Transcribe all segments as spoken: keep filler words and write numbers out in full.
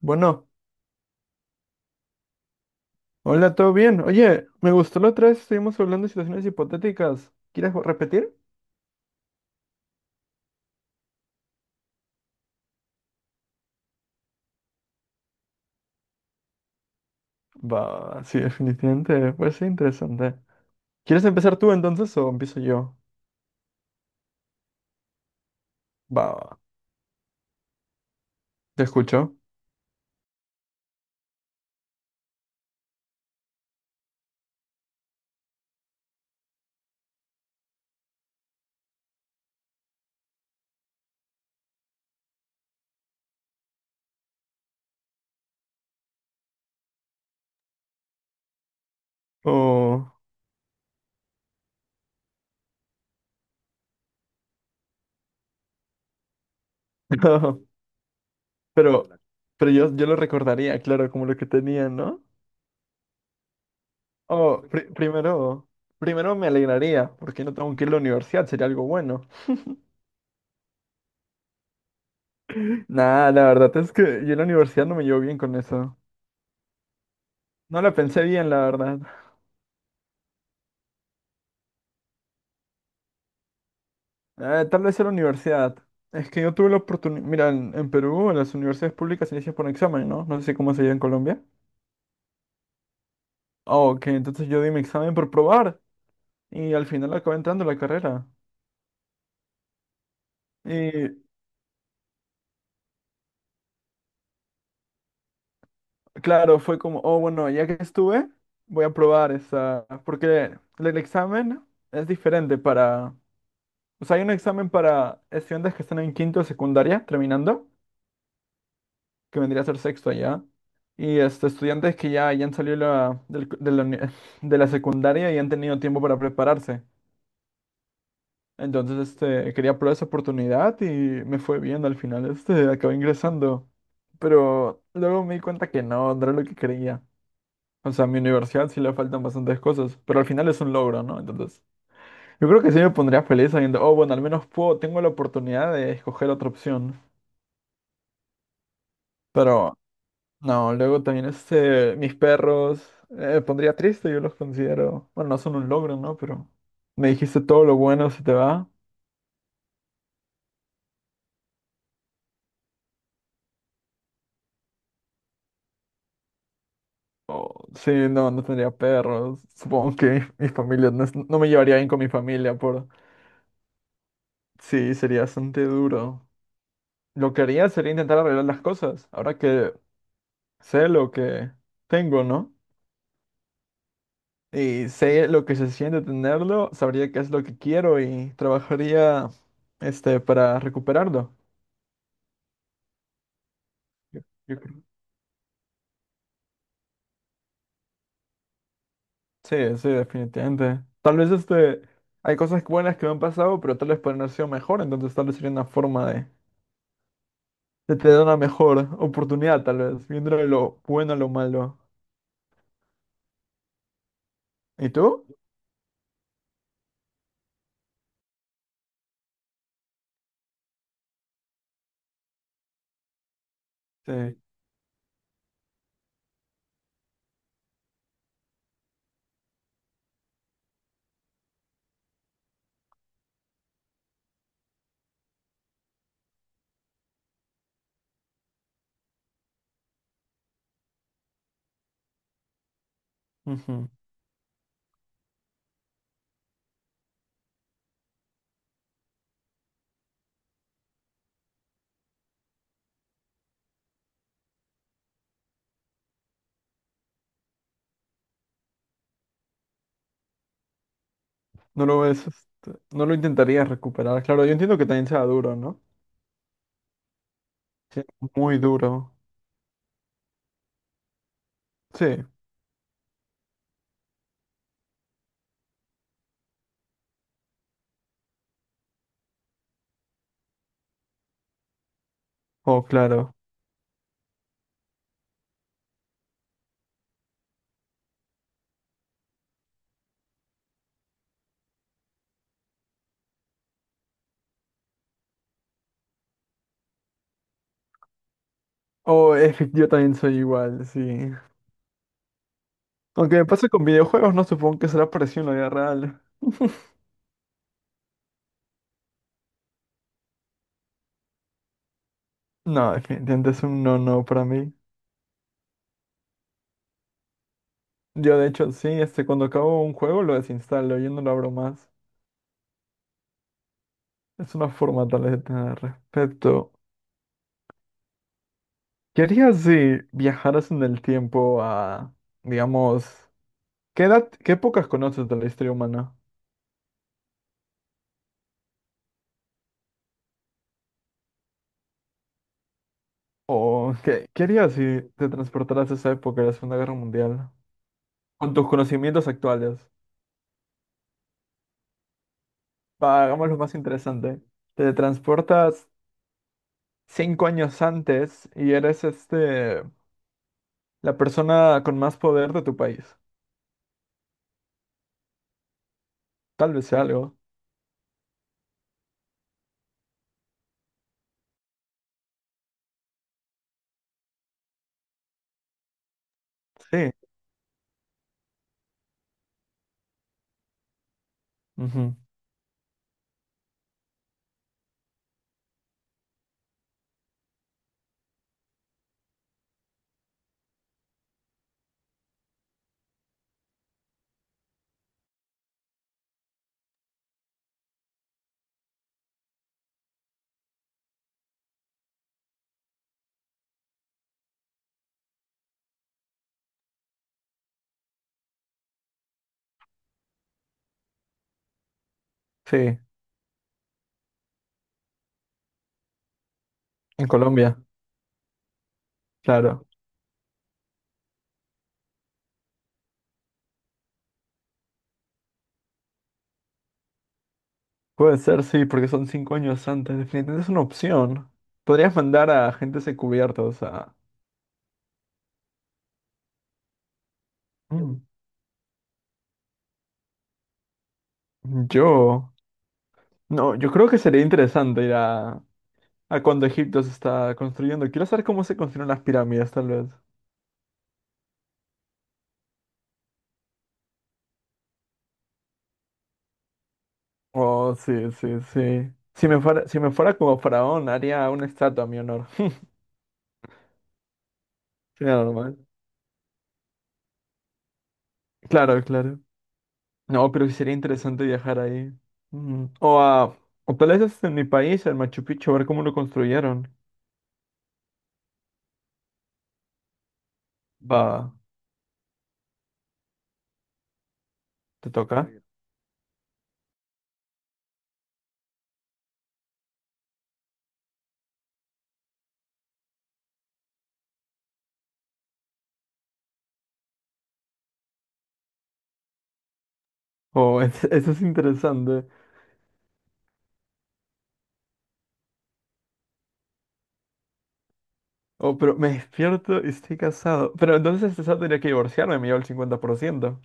Bueno, hola, ¿todo bien? Oye, me gustó la otra vez, estuvimos hablando de situaciones hipotéticas. ¿Quieres vo- repetir? Va, sí, definitivamente, parece interesante. ¿Quieres empezar tú entonces o empiezo yo? Va, te escucho. Oh, pero, pero yo, yo lo recordaría, claro, como lo que tenía, ¿no? Oh, pri- primero, primero me alegraría, porque no tengo que ir a la universidad, sería algo bueno. Nah, la verdad es que yo en la universidad no me llevo bien con eso. No la pensé bien, la verdad. Eh, tal vez en la universidad. Es que yo tuve la oportunidad. Mira, en, en Perú las universidades públicas se inician por un examen, ¿no? No sé cómo se llama en Colombia. Ah, ok, entonces yo di mi examen por probar y al final acabé entrando a la carrera. Y claro, fue como, oh, bueno, ya que estuve, voy a probar esa. Porque el, el examen es diferente para. O sea, hay un examen para estudiantes que están en quinto de secundaria, terminando, que vendría a ser sexto allá. Y este, estudiantes que ya, ya han salido la- del co- de, la, uni- de la secundaria y han tenido tiempo para prepararse. Entonces, este, quería probar esa oportunidad y me fue bien al final. Este, acabé ingresando. Pero luego me di cuenta que no, no era lo que quería. O sea, a mi universidad sí le faltan bastantes cosas, pero al final es un logro, ¿no? Entonces, yo creo que sí me pondría feliz sabiendo, oh, bueno, al menos puedo, tengo la oportunidad de escoger otra opción. Pero no, luego también, este, mis perros, eh, pondría triste, yo los considero, bueno, no son un logro, ¿no? Pero me dijiste todo lo bueno se te va. Sí, no, no tendría perros. Supongo que mi familia, no, es- no me llevaría bien con mi familia, por... Sí, sería bastante duro. Lo que haría sería intentar arreglar las cosas, ahora que sé lo que tengo, ¿no? Y sé lo que se siente tenerlo, sabría qué es lo que quiero y trabajaría, este, para recuperarlo. Yo- yo creo. Sí, sí, definitivamente. Tal vez este, hay cosas buenas que no han pasado, pero tal vez pueden haber sido mejor, entonces tal vez sería una forma de, de tener una mejor oportunidad, tal vez, viendo de lo bueno a lo malo. ¿Y tú? Sí. Ujú. No lo ves, este, no lo intentarías recuperar. Claro, yo entiendo que también sea duro, ¿no? Sí, muy duro. Sí. Oh, claro. Oh, es que yo también soy igual, sí. Aunque me pase con videojuegos, no supongo que será parecido en la vida real. No, definitivamente es un no no para mí. Yo de hecho sí, este, cuando acabo un juego lo desinstalo, yo no lo abro más. Es una forma tal vez de tener respeto. ¿Qué harías si viajaras en el tiempo a, digamos, qué edad, qué épocas conoces de la historia humana? ¿O qué, qué harías si te transportaras a esa época de la Segunda Guerra Mundial? Con tus conocimientos actuales. Va, hagamos lo más interesante. Te transportas cinco años antes y eres este, la persona con más poder de tu país. Tal vez sea algo. Sí. Ujú. Sí, en Colombia, claro. Puede ser, sí, porque son cinco años antes. Definitivamente es una opción. Podrías mandar a agentes encubiertos a... Mm. Yo... No, yo creo que sería interesante ir a, a cuando Egipto se está construyendo. Quiero saber cómo se construyeron las pirámides, tal vez. Oh, sí, sí, sí. Si me fuera, si me fuera como faraón, haría una estatua a mi honor. Sería normal. Claro, claro. No, creo que sería interesante viajar ahí. Mm, O a, o tal vez hasta en mi país, al Machu Picchu, a ver cómo lo construyeron. Va, ¿te toca? O es- eso es interesante. Oh, pero me despierto y estoy casado. Pero entonces este sábado tendría que divorciarme, me llevo el cincuenta por ciento.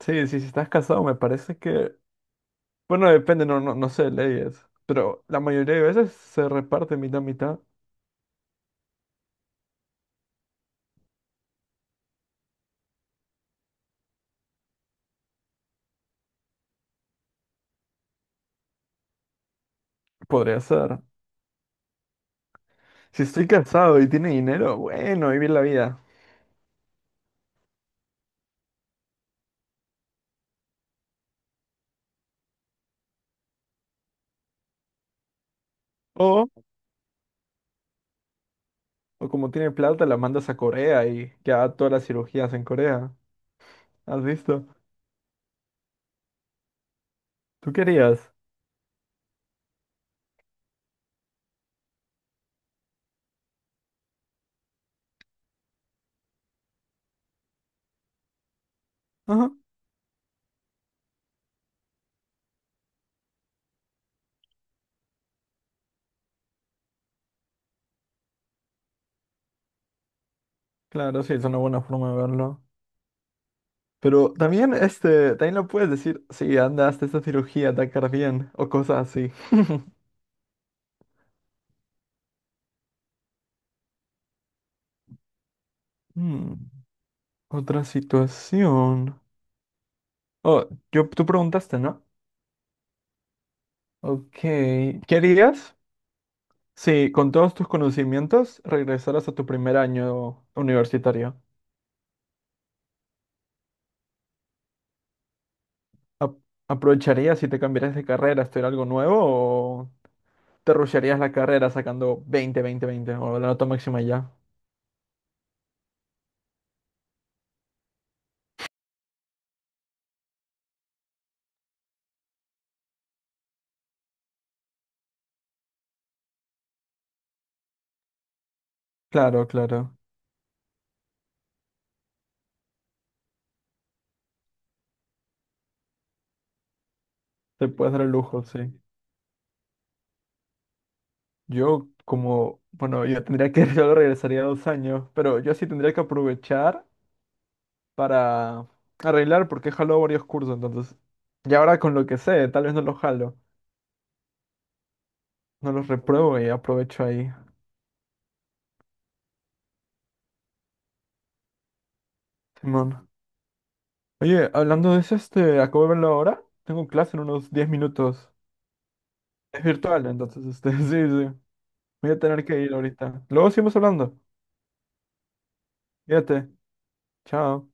Sí, sí, si estás casado me parece que... Bueno, depende, no, no, no sé, leyes. Pero la mayoría de veces se reparte mitad, mitad. Podría ser. Si estoy casado y tiene dinero, bueno, vivir la vida. O como tiene plata, la mandas a Corea y que haga todas las cirugías en Corea. ¿Has visto? ¿Tú querías? Ajá. Claro, sí, es una buena forma de verlo. Pero también, este, también lo puedes decir, sí, anda, hasta esta cirugía, te va a quedar bien, o cosas así. Hmm, otra situación. Oh, yo, tú preguntaste, ¿no? Ok. ¿Qué harías si con todos tus conocimientos regresaras a tu primer año universitario? ¿Ap- ¿Aprovecharías si te cambiaras de carrera, estudiar algo nuevo, te rushearías la carrera sacando veinte, veinte, veinte o la nota máxima y ya? Claro, claro. Te puedes dar el lujo, sí. Yo como, bueno, yo tendría que, yo regresaría dos años, pero yo sí tendría que aprovechar para arreglar porque he jalado varios cursos, entonces. Y ahora con lo que sé, tal vez no los jalo, no los repruebo y aprovecho ahí. Simón. Oye, hablando de eso, este, acabo de verlo ahora. Tengo clase en unos diez minutos. Es virtual, entonces, este, sí, sí. Voy a tener que ir ahorita. Luego seguimos hablando. Fíjate. Chao.